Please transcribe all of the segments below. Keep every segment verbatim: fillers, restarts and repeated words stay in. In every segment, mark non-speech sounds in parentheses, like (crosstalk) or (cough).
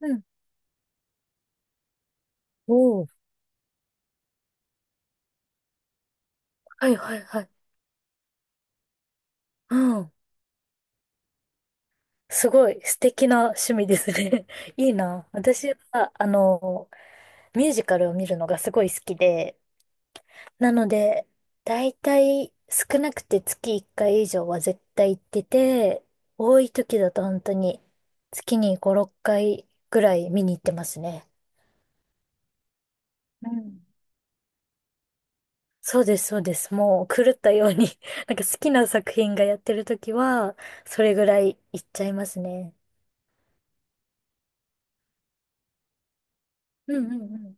うん。おお、はいはいはい。うん。すごい素敵な趣味ですね。(laughs) いいな。私は、あの、ミュージカルを見るのがすごい好きで、なので、だいたい少なくて月いっかい以上は絶対行ってて、多い時だと本当に月にご、ろっかいぐらい見に行ってますね。うん。そうです、そうです。もう狂ったように (laughs) なんか好きな作品がやってる時は、それぐらい行っちゃいますね。うんうんうん。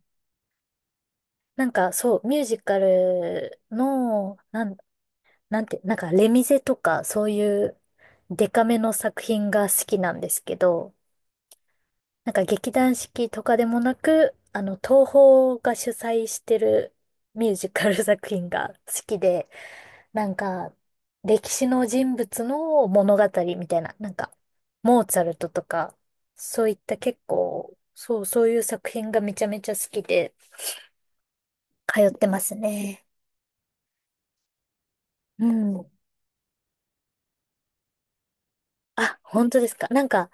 なんかそう、ミュージカルの、なん、なんて、なんかレミゼとかそういうデカめの作品が好きなんですけど、なんか劇団四季とかでもなく、あの、東宝が主催してるミュージカル作品が好きで、なんか歴史の人物の物語みたいな、なんかモーツァルトとか、そういった結構、そう、そういう作品がめちゃめちゃ好きで通ってますね。うん。あ、本当ですか。なんか、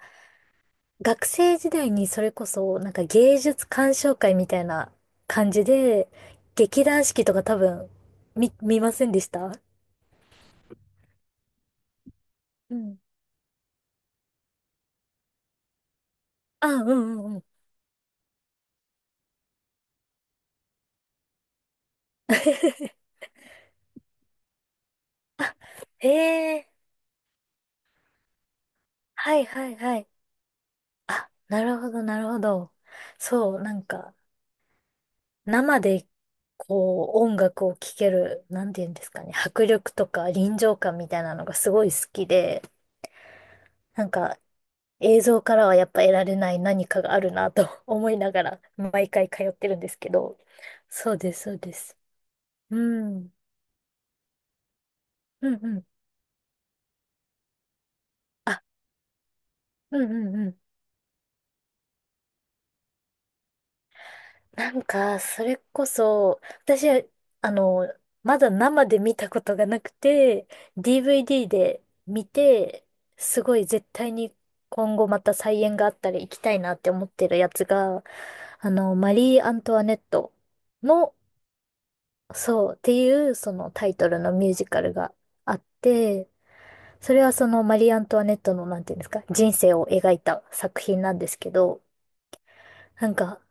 学生時代にそれこそ、なんか芸術鑑賞会みたいな感じで、劇団四季とか多分、見、見ませんでした？うん。あ、うんうんうん。(laughs) へえ、はいはいはい。なるほどなるほど。そう、なんか、生で、こう、音楽を聴ける、なんて言うんですかね、迫力とか臨場感みたいなのがすごい好きで、なんか、映像からはやっぱ得られない何かがあるなと (laughs) 思いながら毎回通ってるんですけど。そうです、そうです。うん。うんうん。あ、うんうんうん。なんか、それこそ、私は、あの、まだ生で見たことがなくて、ディーブイディー で見て、すごい絶対に今後また再演があったら行きたいなって思ってるやつが、あの、マリー・アントワネットのそうっていうそのタイトルのミュージカルがあって、それはそのマリー・アントワネットのなんていうんですか、人生を描いた作品なんですけど、なんか、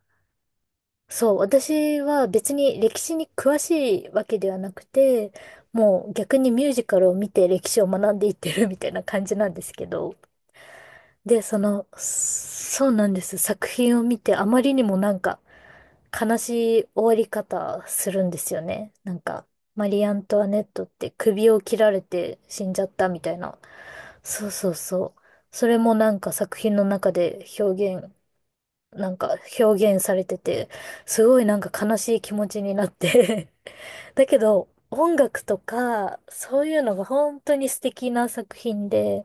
そう、私は別に歴史に詳しいわけではなくて、もう逆にミュージカルを見て歴史を学んでいってるみたいな感じなんですけど、で、その、そうなんです。作品を見て、あまりにもなんか、悲しい終わり方するんですよね。なんか、マリー・アントワネットって首を切られて死んじゃったみたいな。そうそうそう。それもなんか作品の中で表現、なんか表現されてて、すごいなんか悲しい気持ちになって (laughs) だけど、音楽とか、そういうのが本当に素敵な作品で、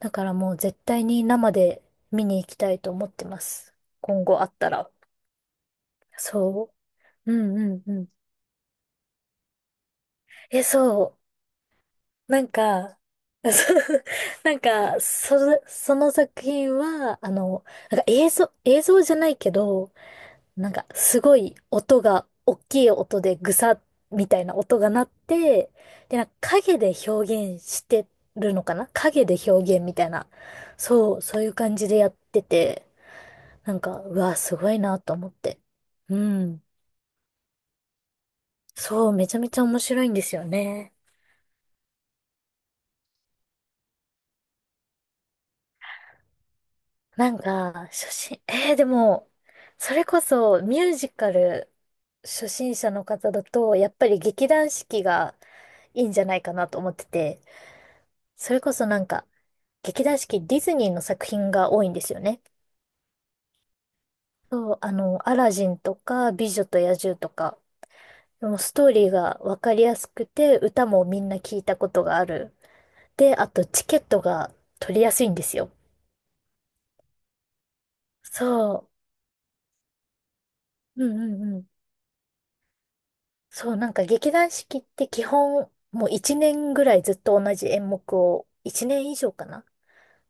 だからもう絶対に生で見に行きたいと思ってます。今後あったら。そう。うんうんうん。え、そう。なんか、そう (laughs) なんか、そ、その作品は、あの、なんか映像、映像じゃないけど、なんかすごい音が、大きい音でぐさみたいな音が鳴って、で、なんか影で表現してるのかな影で表現みたいな。そう、そういう感じでやってて。なんか、うわ、すごいなと思って。うん。そう、めちゃめちゃ面白いんですよね。なんか、初心、えー、でも、それこそミュージカル初心者の方だと、やっぱり劇団四季がいいんじゃないかなと思ってて、それこそなんか、劇団四季ディズニーの作品が多いんですよね。そう、あの、アラジンとか、美女と野獣とか、でもストーリーがわかりやすくて、歌もみんな聞いたことがある。で、あとチケットが取りやすいんですよ。そう。うんうんうん。そう、なんか劇団四季って基本、もういちねんぐらいずっと同じ演目を、いちねん以上かな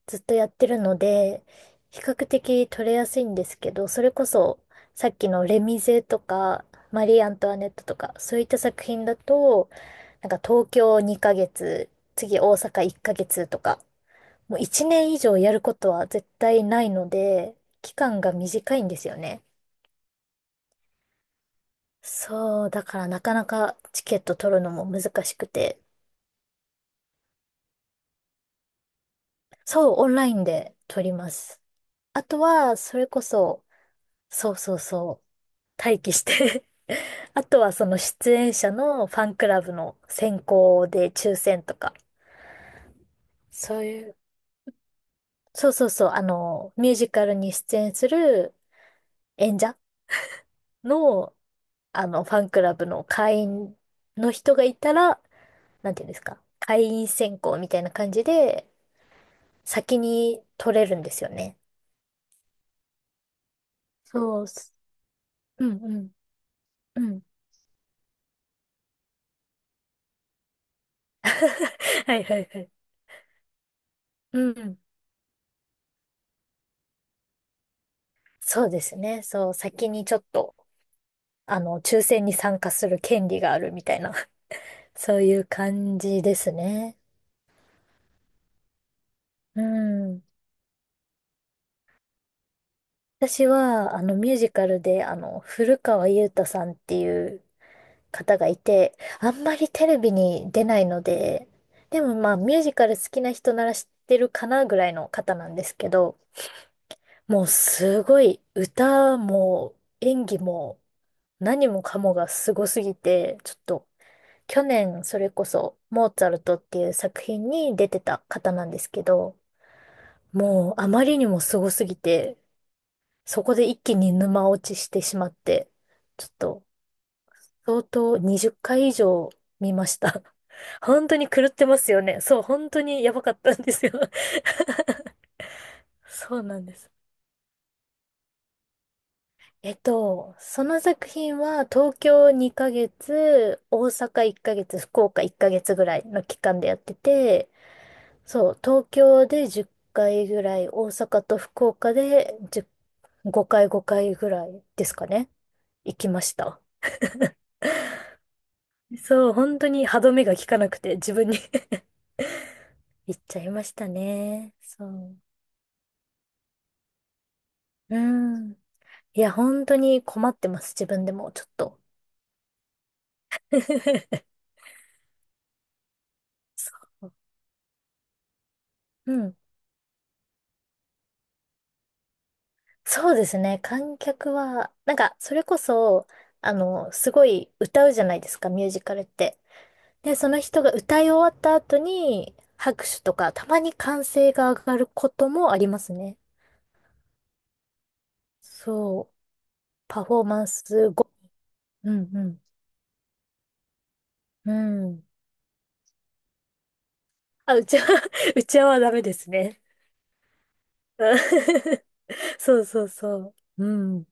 ずっとやってるので、比較的取れやすいんですけど、それこそ、さっきのレミゼとか、マリー・アントワネットとか、そういった作品だと、なんか東京にかげつ、次大阪いっかげつとか、もう一年以上やることは絶対ないので、期間が短いんですよね。そう、だからなかなかチケット取るのも難しくて、そう、オンラインで取ります。あとは、それこそ、そうそうそう、待機して (laughs) あとはその出演者のファンクラブの選考で抽選とか、そういう、そうそうそう、あの、ミュージカルに出演する演者の、あの、ファンクラブの会員の人がいたら、なんていうんですか、会員選考みたいな感じで、先に取れるんですよね。そうっす。うんうん。うん。(laughs) はいはいはい。うんうん。そうですね。そう、先にちょっと、あの、抽選に参加する権利があるみたいな、(laughs) そういう感じですね。うん。私は、あの、ミュージカルで、あの、古川雄太さんっていう方がいて、あんまりテレビに出ないので、でもまあミュージカル好きな人なら知ってるかなぐらいの方なんですけど、もうすごい歌も演技も何もかもがすごすぎて、ちょっと去年それこそモーツァルトっていう作品に出てた方なんですけど、もうあまりにもすごすぎて、そこで一気に沼落ちしてしまって、ちょっと相当にじゅっかい以上見ました。(laughs) 本当に狂ってますよね。そう、本当にやばかったんですよ。(laughs) そうなんです。えっと、その作品は東京にかげつ、大阪いっかげつ、福岡いっかげつぐらいの期間でやってて、そう、東京でじゅっかいぐらい、大阪と福岡でじゅう ごかいごかいぐらいですかね。行きました。そう、本当に歯止めが効かなくて自分に (laughs) 行っちゃいましたね。そう。うん。いや、本当に困ってます。自分でも、ちょっと。(laughs) そううん。そうですね。観客は、なんか、それこそ、あの、すごい歌うじゃないですか、ミュージカルって。で、その人が歌い終わった後に、拍手とか、たまに歓声が上がることもありますね。そう。パフォーマンス後。うんうん。うん。あ、うちは、(laughs) うちはダメですね。うん (laughs) そうそうそう。うん。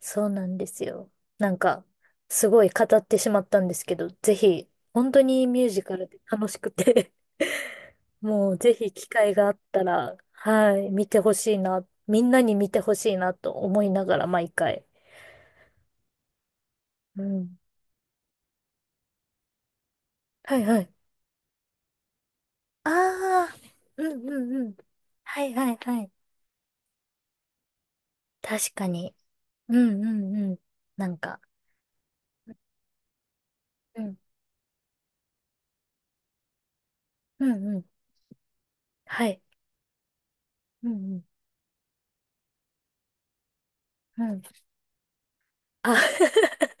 そうなんですよ。なんか、すごい語ってしまったんですけど、ぜひ、本当にミュージカルで楽しくて (laughs) もうぜひ機会があったら、はい、見てほしいな、みんなに見てほしいなと思いながら毎回。うん。はいはい。ああ、うんうんうん。はいはいはい。確かに。うんうんうん。なんか、うん、うんうん。はい。うんうん。うん。あ (laughs)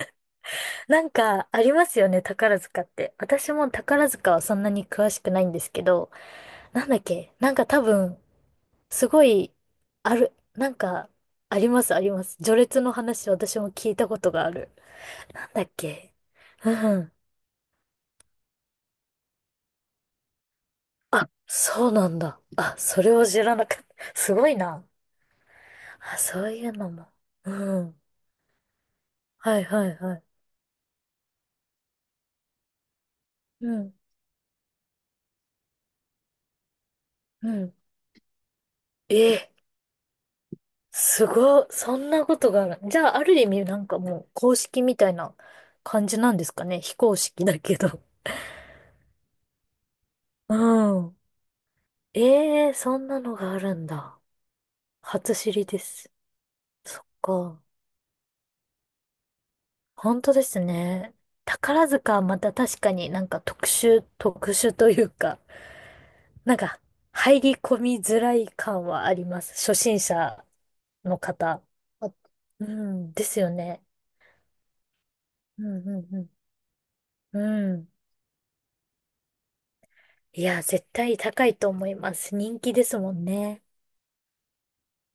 なんか、ありますよね、宝塚って。私も宝塚はそんなに詳しくないんですけど、なんだっけ、なんか多分、すごい、ある、なんか、あります、あります。序列の話、私も聞いたことがある。なんだっけ、うん。あ、そうなんだ。あ、それを知らなかった。すごいな。あ、そういうのも。うん。はいはいはい。うん。うん。ええ、すごい、そんなことがある。じゃあ、ある意味、なんかもう、公式みたいな感じなんですかね。非公式だけど。うん。(laughs) ええー、そんなのがあるんだ。初知りです。そっか。本当ですね。宝塚はまた確かになんか特殊、特殊というか、なんか、入り込みづらい感はあります。初心者の方。あうん、ですよね。うん、うん、うん。うん。いや、絶対高いと思います。人気ですもんね。